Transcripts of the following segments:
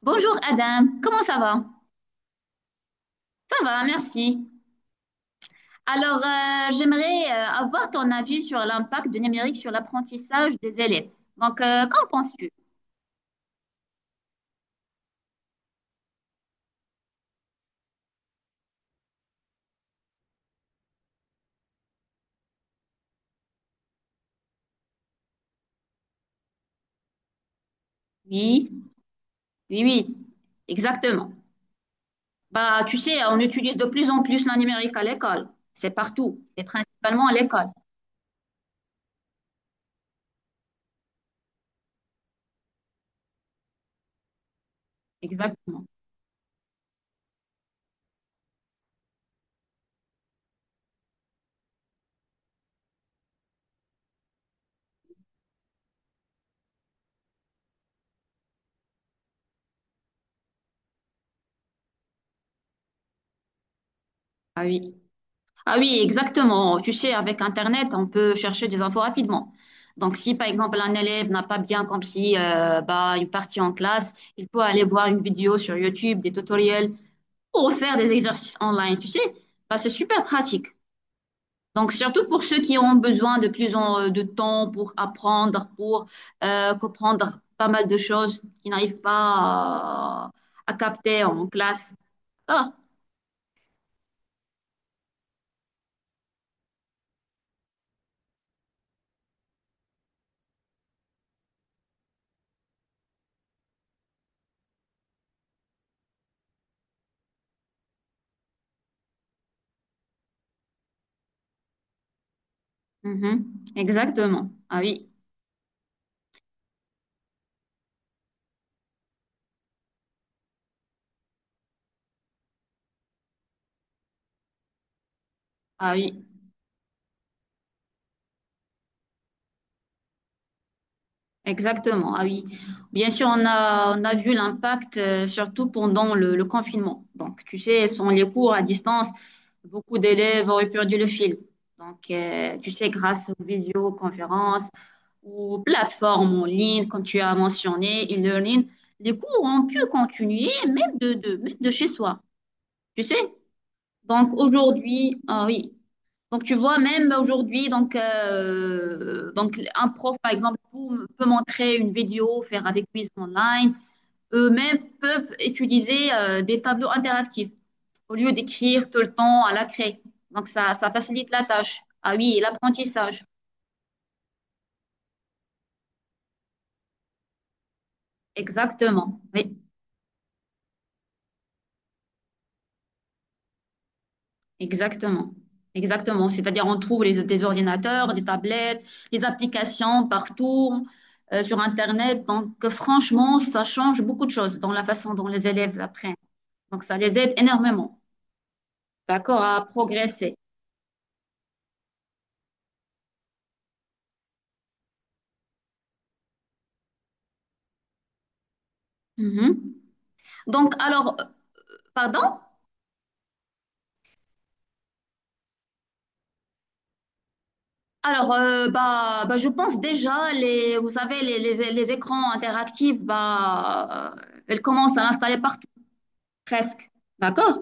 Bonjour Adam, comment ça va? Ça va, merci. Alors, j'aimerais avoir ton avis sur l'impact du numérique sur l'apprentissage des élèves. Donc, qu'en penses-tu? Oui, oui, oui, exactement. Bah, tu sais, on utilise de plus en plus le numérique à l'école. C'est partout, et principalement à l'école. Exactement. Ah oui. Ah oui, exactement. Tu sais, avec Internet, on peut chercher des infos rapidement. Donc, si par exemple un élève n'a pas bien compris bah, une partie en classe, il peut aller voir une vidéo sur YouTube, des tutoriels ou faire des exercices online. Tu sais, bah, c'est super pratique. Donc, surtout pour ceux qui ont besoin de plus en, de temps pour apprendre, pour comprendre pas mal de choses qu'ils n'arrivent pas à, à capter en classe. Ah, mhm, exactement. Ah oui, ah oui. Exactement, ah oui. Bien sûr, on a vu l'impact, surtout pendant le confinement. Donc, tu sais, sans les cours à distance, beaucoup d'élèves auraient perdu le fil. Donc, tu sais, grâce aux visioconférences ou plateformes en ligne, comme tu as mentionné, e-learning, les cours ont pu continuer même même de chez soi, tu sais. Donc, aujourd'hui, ah oui, donc, tu vois, même aujourd'hui, donc, un prof, par exemple, peut montrer une vidéo, faire des quiz online. Eux-mêmes peuvent utiliser des tableaux interactifs au lieu d'écrire tout le temps à la craie. Donc, ça facilite la tâche. Ah oui, et l'apprentissage. Exactement. Oui, exactement. Exactement. C'est-à-dire, on trouve des ordinateurs, des tablettes, des applications partout sur Internet. Donc, franchement, ça change beaucoup de choses dans la façon dont les élèves apprennent. Donc, ça les aide énormément, d'accord, à progresser. Mhm. Donc, alors, pardon? Alors, bah, je pense déjà, les, vous savez, les écrans interactifs, bah, ils commencent à l'installer partout, presque, d'accord?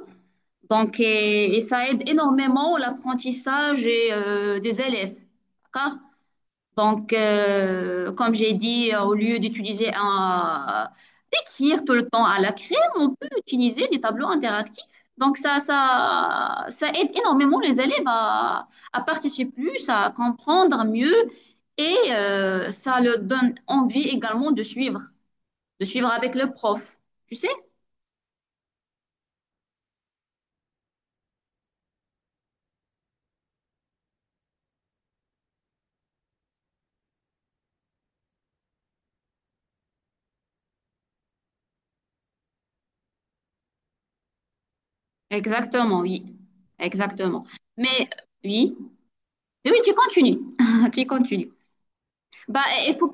Donc, et ça aide énormément l'apprentissage et, des élèves, d'accord? Donc, comme j'ai dit, au lieu d'utiliser un, d'écrire tout le temps à la crème, on peut utiliser des tableaux interactifs. Donc, ça aide énormément les élèves à participer plus, à comprendre mieux et ça leur donne envie également de suivre avec le prof. Tu sais? Exactement, oui. Exactement. Mais oui, oui, oui, tu continues. Tu continues. Bah, il faut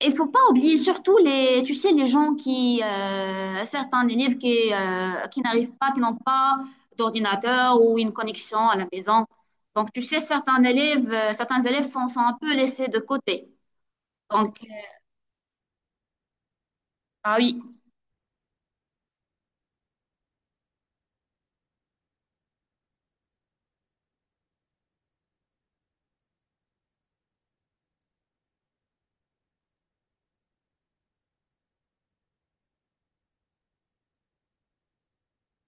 Il faut pas oublier surtout les, tu sais, les gens qui, certains élèves qui n'arrivent pas, qui n'ont pas d'ordinateur ou une connexion à la maison. Donc, tu sais, certains élèves, sont, un peu laissés de côté. Donc, ah oui,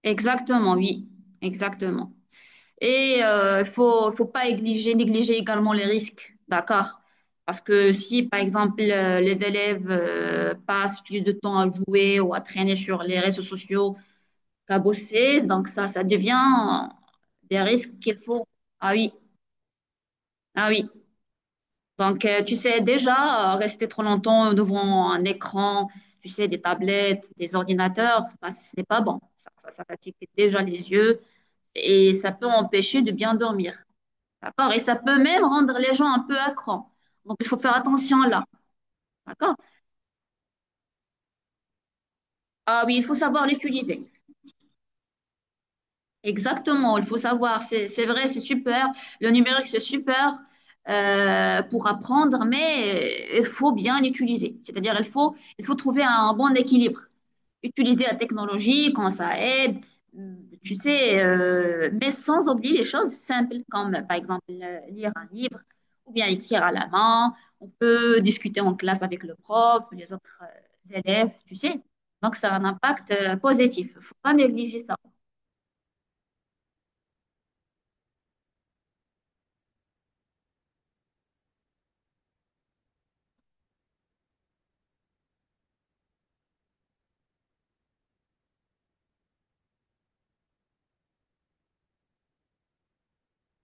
exactement, oui, exactement. Et il faut pas négliger également les risques, d'accord? Parce que si, par exemple, les élèves passent plus de temps à jouer ou à traîner sur les réseaux sociaux, cabossé. Donc, ça devient des risques qu'il faut. Ah oui, ah oui. Donc, tu sais, déjà, rester trop longtemps devant un écran, tu sais, des tablettes, des ordinateurs, bah, ce n'est pas bon. Ça fatigue déjà les yeux et ça peut empêcher de bien dormir. D'accord? Et ça peut même rendre les gens un peu accros. Donc, il faut faire attention là. D'accord? Ah oui, il faut savoir l'utiliser. Exactement, il faut savoir, c'est vrai, c'est super, le numérique c'est super pour apprendre, mais il faut bien l'utiliser. C'est-à-dire, il faut trouver un bon équilibre. Utiliser la technologie quand ça aide, tu sais, mais sans oublier les choses simples comme par exemple lire un livre ou bien écrire à la main. On peut discuter en classe avec le prof, les autres élèves, tu sais. Donc ça a un impact positif. Il ne faut pas négliger ça.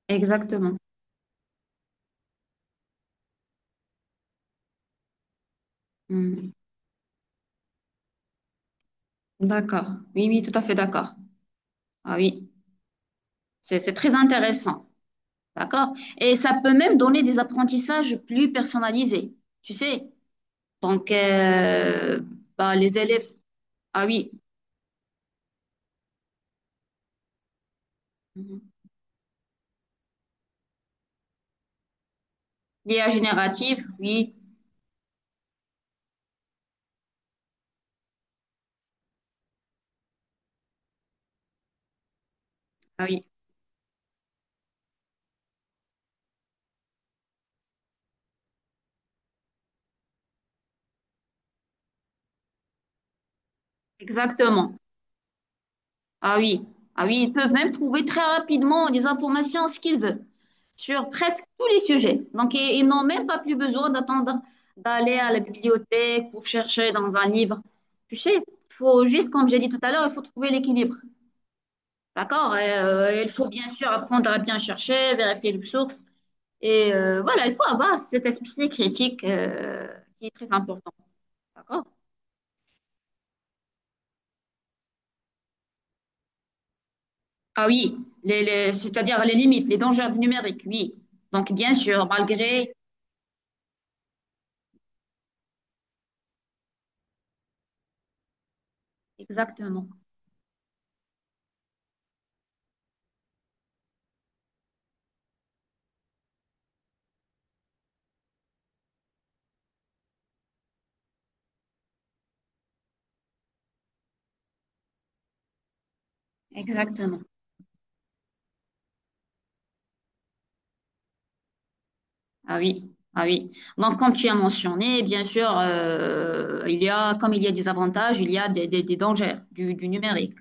Exactement. Hmm. D'accord. Oui, oui, tout à fait d'accord. Ah oui, c'est très intéressant. D'accord. Et ça peut même donner des apprentissages plus personnalisés. Tu sais, donc bah, les élèves. Ah oui. Mhm. L'IA générative, oui. Ah oui, exactement. Ah oui, ah oui, ils peuvent même trouver très rapidement des informations, ce qu'ils veulent, sur presque tous les sujets. Donc, ils n'ont même pas plus besoin d'attendre d'aller à la bibliothèque pour chercher dans un livre. Tu sais, il faut juste, comme j'ai dit tout à l'heure, il faut trouver l'équilibre. D'accord? Et, il faut bien sûr apprendre à bien chercher, vérifier les sources. Et voilà, il faut avoir cet esprit critique qui est très important. D'accord? Ah oui, c'est-à-dire les limites, les dangers numériques, oui. Donc, bien sûr, malgré exactement, exactement. Ah oui, ah oui. Donc, comme tu as mentionné, bien sûr, il y a, comme il y a des avantages, il y a des dangers du numérique.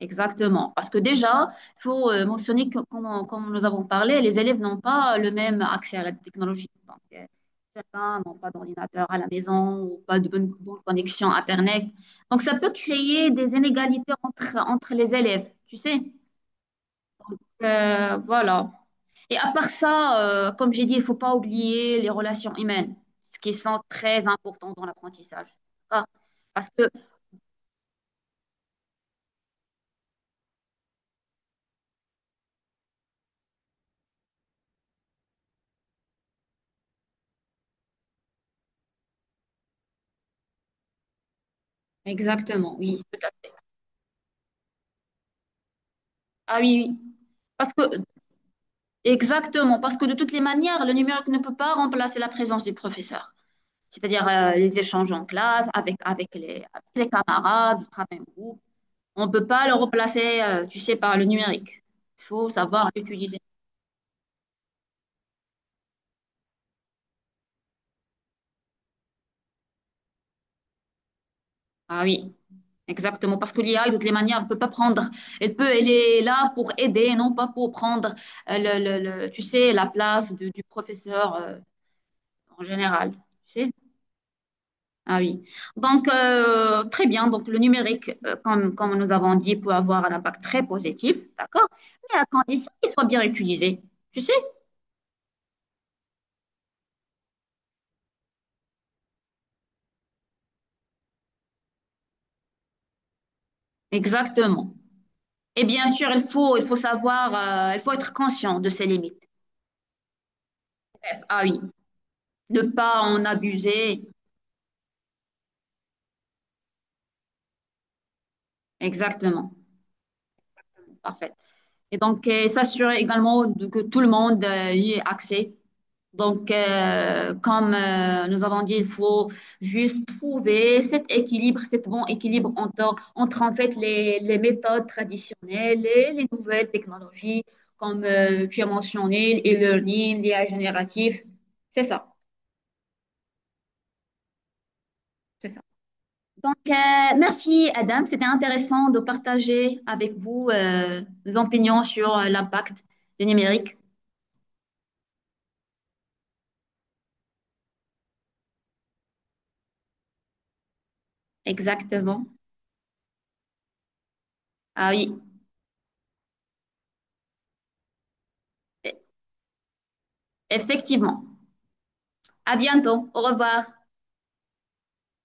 Exactement. Parce que déjà, il faut mentionner que, comme, comme nous avons parlé, les élèves n'ont pas le même accès à la technologie. Donc, certains n'ont pas d'ordinateur à la maison ou pas de bonne connexion Internet. Donc, ça peut créer des inégalités entre les élèves, tu sais. Voilà. Et à part ça, comme j'ai dit, il faut pas oublier les relations humaines, ce qui sont très important dans l'apprentissage. Ah, parce que, exactement, oui. Ah oui, oui. Parce que, exactement, parce que de toutes les manières, le numérique ne peut pas remplacer la présence du professeur. C'est-à-dire les échanges en classe, avec les camarades, du travail en groupe. On ne peut pas le remplacer, tu sais, par le numérique. Il faut savoir l'utiliser. Ah oui. Exactement, parce que l'IA, de toutes les manières, elle peut pas prendre. Elle peut, elle est là pour aider, non pas pour prendre, tu sais, la place du professeur en général. Tu sais? Ah oui. Donc, très bien. Donc, le numérique, comme nous avons dit, peut avoir un impact très positif, d'accord? Mais à condition qu'il soit bien utilisé. Tu sais? Exactement. Et bien sûr, il faut savoir, il faut être conscient de ses limites. Ah oui. Ne pas en abuser. Exactement. Parfait. Et donc, s'assurer également que tout le monde y ait accès. Donc, comme nous avons dit, il faut juste trouver cet équilibre, cet bon équilibre entre en fait les méthodes traditionnelles et les nouvelles technologies, comme tu as mentionné, e-learning, l'IA génératif. C'est ça, c'est ça. Donc, merci Adam, c'était intéressant de partager avec vous nos opinions sur l'impact du numérique. Exactement. Ah oui, e-, effectivement. À bientôt. Au revoir.